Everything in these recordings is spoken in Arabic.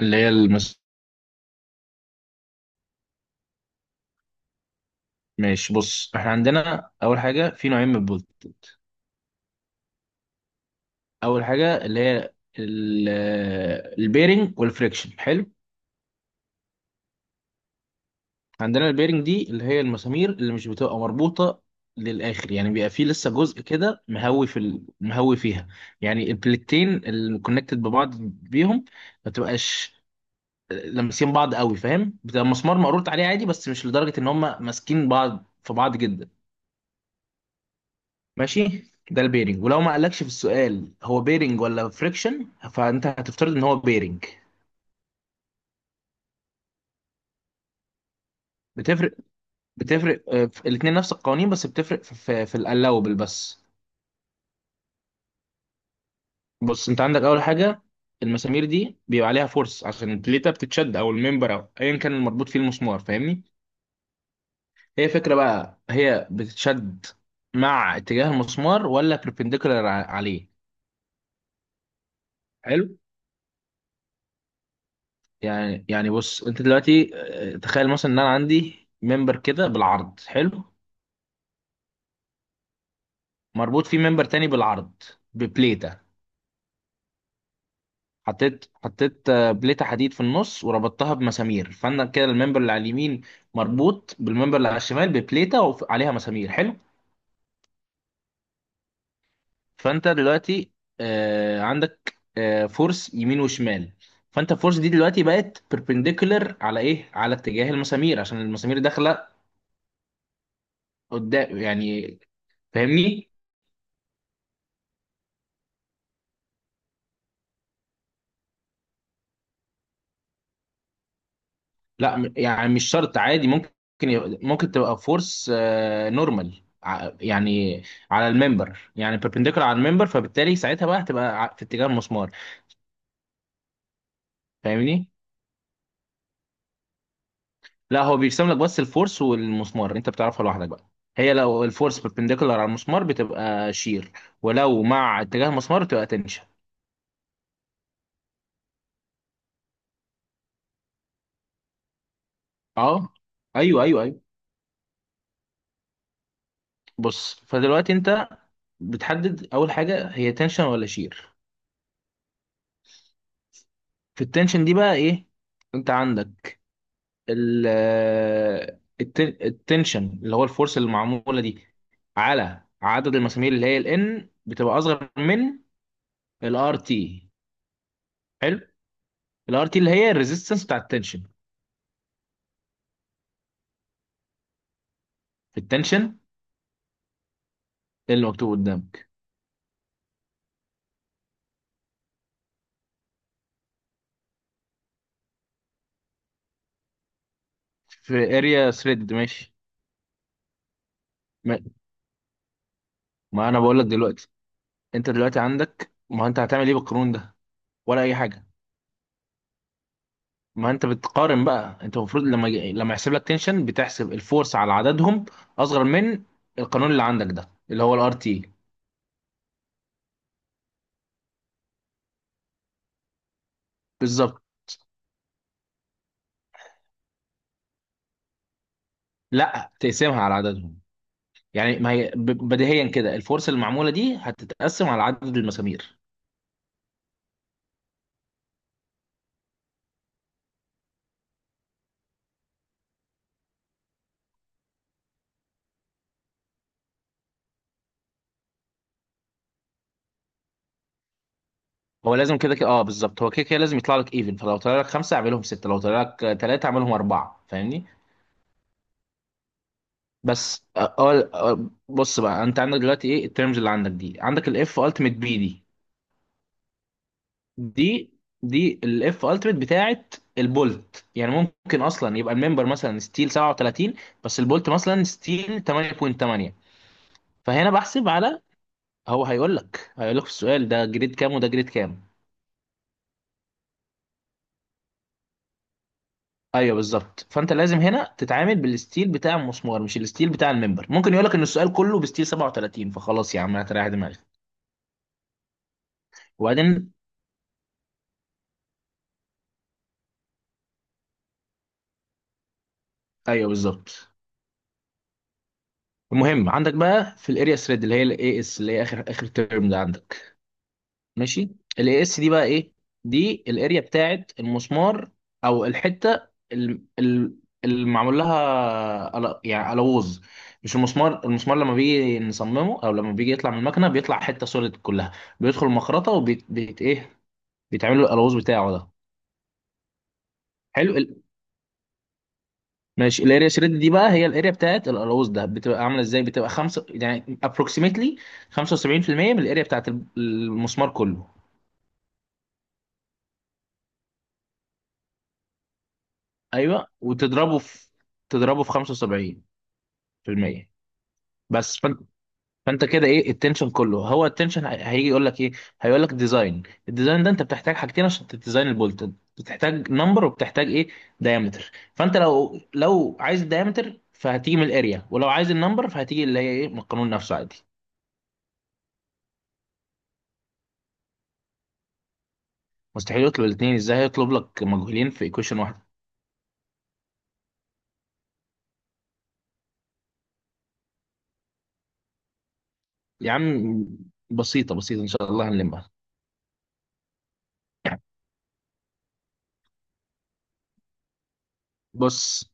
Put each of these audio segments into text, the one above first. اللي هي المس... ماشي، بص احنا عندنا اول حاجه في نوعين من البولت. اول حاجه اللي هي البيرنج والفريكشن. حلو، عندنا البيرنج دي اللي هي المسامير اللي مش بتبقى مربوطه للاخر، يعني بيبقى فيه لسه جزء كده مهوي مهوي فيها. يعني البلكتين اللي كونكتد ببعض بيهم ما بتبقاش لامسين بعض قوي، فاهم؟ بتبقى مسمار مقروط عليه عادي، بس مش لدرجه ان هم ماسكين بعض في بعض جدا. ماشي، ده البيرنج. ولو ما قالكش في السؤال هو بيرنج ولا فريكشن فانت هتفترض ان هو بيرنج. بتفرق، بتفرق آه، في الاتنين نفس القوانين، بس بتفرق في الالاوبل بس. بص انت عندك اول حاجه، المسامير دي بيبقى عليها فورس عشان البليته بتتشد، او الممبر، او ايا كان المربوط فيه المسمار، فاهمني؟ هي فكره بقى، هي بتتشد مع اتجاه المسمار، ولا perpendicular عليه؟ حلو، يعني يعني بص انت دلوقتي، تخيل مثلا ان انا عندي ممبر كده بالعرض، حلو، مربوط فيه ممبر تاني بالعرض ببليتة. حطيت بليتة حديد في النص وربطتها بمسامير، فانا كده الممبر اللي على اليمين مربوط بالممبر اللي على الشمال ببليتة وعليها مسامير. حلو، فانت دلوقتي عندك فورس يمين وشمال، فانت الفورس دي دلوقتي بقت perpendicular على ايه؟ على اتجاه المسامير، عشان المسامير داخله قدام يعني، فاهمني؟ لا يعني مش شرط، عادي ممكن، ممكن تبقى فورس نورمال يعني، على الممبر، يعني بيربنديكولار على الممبر، فبالتالي ساعتها بقى هتبقى في اتجاه المسمار، فاهمني؟ لا، هو بيرسم لك بس الفورس والمسمار، انت بتعرفها لوحدك بقى. هي لو الفورس بيربنديكولار على المسمار بتبقى شير، ولو مع اتجاه المسمار بتبقى تنشن. اه، ايوه ايوه ايوه. بص، فدلوقتي انت بتحدد اول حاجه هي تنشن ولا شير. في التنشن دي بقى ايه، انت عندك ال التنشن اللي هو الفورس اللي معموله دي على عدد المسامير، اللي هي الان بتبقى اصغر من الار تي. حلو، الار تي اللي هي الريزيستنس بتاع التنشن. في التنشن اللي مكتوب قدامك في اريا ثريد، ماشي. ما ما انا بقول لك دلوقتي، انت دلوقتي عندك، ما انت هتعمل ايه بالقانون ده ولا اي حاجه؟ ما انت بتقارن بقى، انت المفروض لما لما يحسب لك تنشن بتحسب الفورس على عددهم اصغر من القانون اللي عندك ده، اللي هو الار تي. بالظبط، لا تقسمها على عددهم، يعني ما هي بديهيا كده الفرصه المعموله دي هتتقسم على عدد المسامير. هو لازم كده كده، اه بالظبط، هو كده كده لازم يطلع لك ايفن، فلو طلع لك خمسه اعملهم سته، لو طلع لك ثلاثه اعملهم اربعه، فاهمني؟ بس اه، بص بقى انت عندك دلوقتي ايه الترمز اللي عندك دي؟ عندك الاف التيميت بي دي، دي دي الاف التيميت بتاعت البولت. يعني ممكن اصلا يبقى الممبر مثلا ستيل 37، بس البولت مثلا ستيل 8.8، فهنا بحسب على، هو هيقول لك، هيقول لك في السؤال ده جريد كام وده جريد كام. ايوه بالظبط، فانت لازم هنا تتعامل بالستيل بتاع المسمار مش الستيل بتاع الممبر. ممكن يقول لك ان السؤال كله بستيل 37، فخلاص يا عم هتريح دماغك. وبعدين ايوه بالظبط. المهم عندك بقى في الاريا ثريد اللي هي الاي اس، اللي هي اخر اخر ترم ده عندك، ماشي. الاي اس دي بقى ايه؟ دي الاريا بتاعت المسمار، او الحته اللي معمول لها يعني الوز. مش المسمار، المسمار لما بيجي نصممه او لما بيجي يطلع من المكنه بيطلع حته سوليد كلها، بيدخل المخرطه وبيت ايه، بيتعمل له الالوز بتاعه ده. حلو، ماشي، الاريا شريد دي بقى هي الاريا بتاعت الالوز ده. بتبقى عامله ازاي؟ بتبقى خمسة يعني ابروكسيمتلي 75% من الاريا بتاعت المسمار كله. ايوه وتضربه في، تضربه في 75 في المية. بس فانت كده ايه التنشن كله. هو التنشن هيجي يقول لك ايه، هيقول لك ديزاين. الديزاين ده انت بتحتاج حاجتين عشان تديزاين البولت، بتحتاج نمبر وبتحتاج ايه، دايمتر. فانت لو، لو عايز دايمتر فهتيجي من الاريا، ولو عايز النمبر فهتيجي اللي هي ايه من القانون نفسه، عادي. مستحيل يطلب الاثنين، ازاي هيطلب لك مجهولين في ايكويشن واحده. يا عم بسيطه بسيطه، ان شاء الله هنلمها. بص،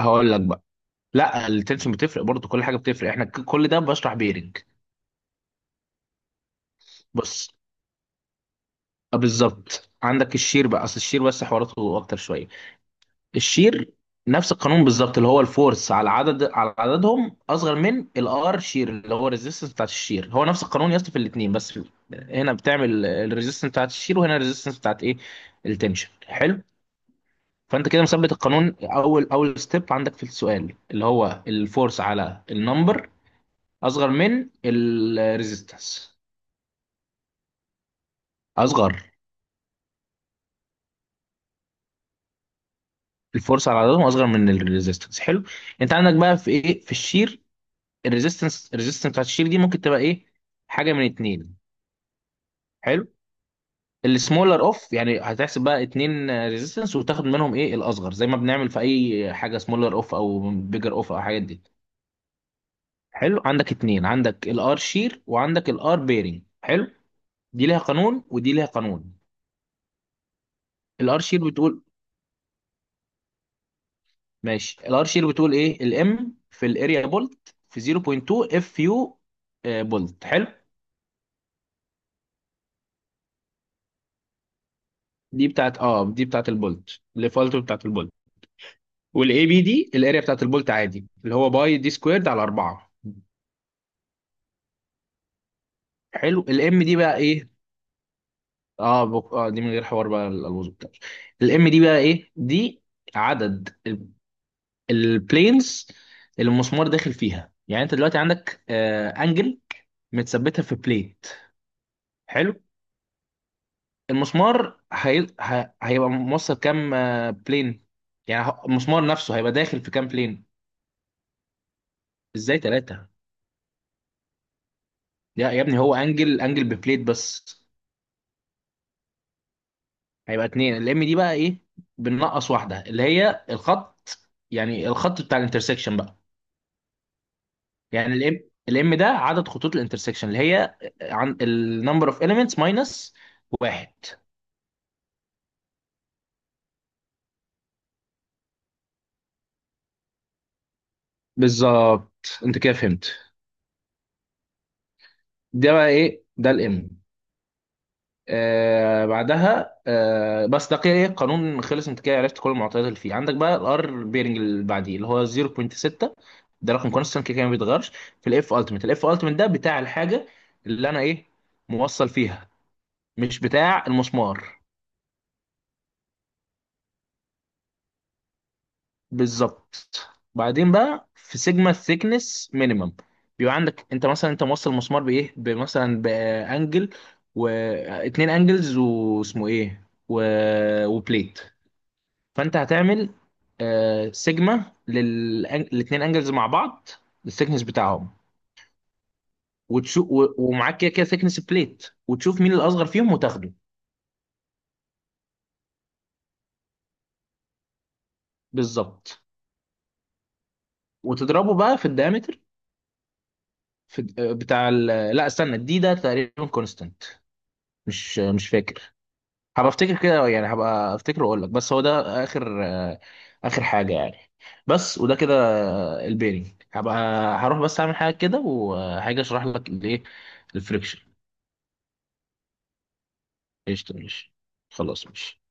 هقول لك بقى، لا التنشن بتفرق برضو، كل حاجه بتفرق، احنا كل ده بشرح بيرنج. بص بالظبط، عندك الشير بقى، اصل الشير بس حواراته اكتر شويه. الشير نفس القانون بالظبط، اللي هو الفورس على عدد، على عددهم اصغر من الار شير اللي هو الريزيستنس بتاعت الشير. هو نفس القانون يا اسطى في الاثنين، بس هنا بتعمل الريزيستنس بتاعت الشير، وهنا الريزيستنس بتاعت ايه، التنشن. حلو، فانت كده مثبت القانون، اول اول ستيب عندك في السؤال اللي هو الفورس على النمبر اصغر من الريزيستنس. اصغر. الفورس على عضلاتهم اصغر من الريزيستنس، حلو. انت عندك بقى في ايه في الشير، الريزيستنس، الريزيستنس بتاعت الشير دي ممكن تبقى ايه، حاجه من اتنين. حلو، السمولر اوف، يعني هتحسب بقى اتنين ريزيستنس وتاخد منهم ايه الاصغر، زي ما بنعمل في اي حاجه سمولر اوف او بيجر اوف او الحاجات دي. حلو، عندك اتنين، عندك الار شير وعندك الار بيرنج، حلو، دي ليها قانون ودي ليها قانون. الار شير بتقول، ماشي، الار شير بتقول ايه، الام في الاريا بولت في 0.2 اف يو بولت، حلو. دي بتاعت اه، دي بتاعت البولت، الديفولت بتاعت البولت. والاي بي دي الاريا بتاعت البولت عادي، اللي هو باي دي سكويرد على 4. حلو، الام دي بقى ايه، آه دي من غير حوار بقى الالوز بتاعه. الام دي بقى ايه دي؟ عدد البلينز اللي المسمار داخل فيها. يعني انت دلوقتي عندك انجل متثبتها في بليت، حلو. المسمار هيبقى موصل كام بلين، يعني المسمار نفسه هيبقى داخل في كام بلين. ازاي ثلاثة؟ يا ابني هو انجل، انجل ببليت بس. هيبقى اتنين، الام دي بقى ايه، بننقص واحده اللي هي الخط، يعني الخط بتاع الانترسكشن بقى. يعني الام، الام ده عدد خطوط الانترسكشن اللي هي عن النمبر اوف اليمنتس ماينس واحد. بالظبط، انت كده فهمت. ده بقى ايه، ده الام. آه بعدها آه، بس ده كده ايه قانون خلص، انت كده عرفت كل المعطيات اللي فيه. عندك بقى الار بيرنج اللي بعديه اللي هو 0.6، ده رقم كونستنت كده كده ما بيتغيرش. في الاف التيمت، الاف التيمت ده بتاع الحاجه اللي انا ايه، موصل فيها، مش بتاع المسمار. بالظبط. بعدين بقى في سيجما ثيكنس مينيمم، بيبقى عندك انت مثلا انت موصل المسمار بايه، بمثلا بانجل واتنين انجلز واسمه ايه و... وبليت. فانت هتعمل سيجما للاثنين انجلز مع بعض الثيكنس بتاعهم، وتشوف ومعاك كده كده ثيكنس بليت، وتشوف مين الاصغر فيهم وتاخده. بالظبط. وتضربه بقى في الدايمتر، في بتاع ال... لا استنى، الدي ده تقريبا كونستانت، مش فاكر. هبقى افتكر كده يعني، هبقى افتكر واقول لك. بس هو ده اخر اخر حاجه يعني، بس. وده كده البيرنج. هبقى، هروح بس اعمل حاجه كده وهاجي اشرح لك الفريكشن. قشطة ماشي، خلاص ماشي.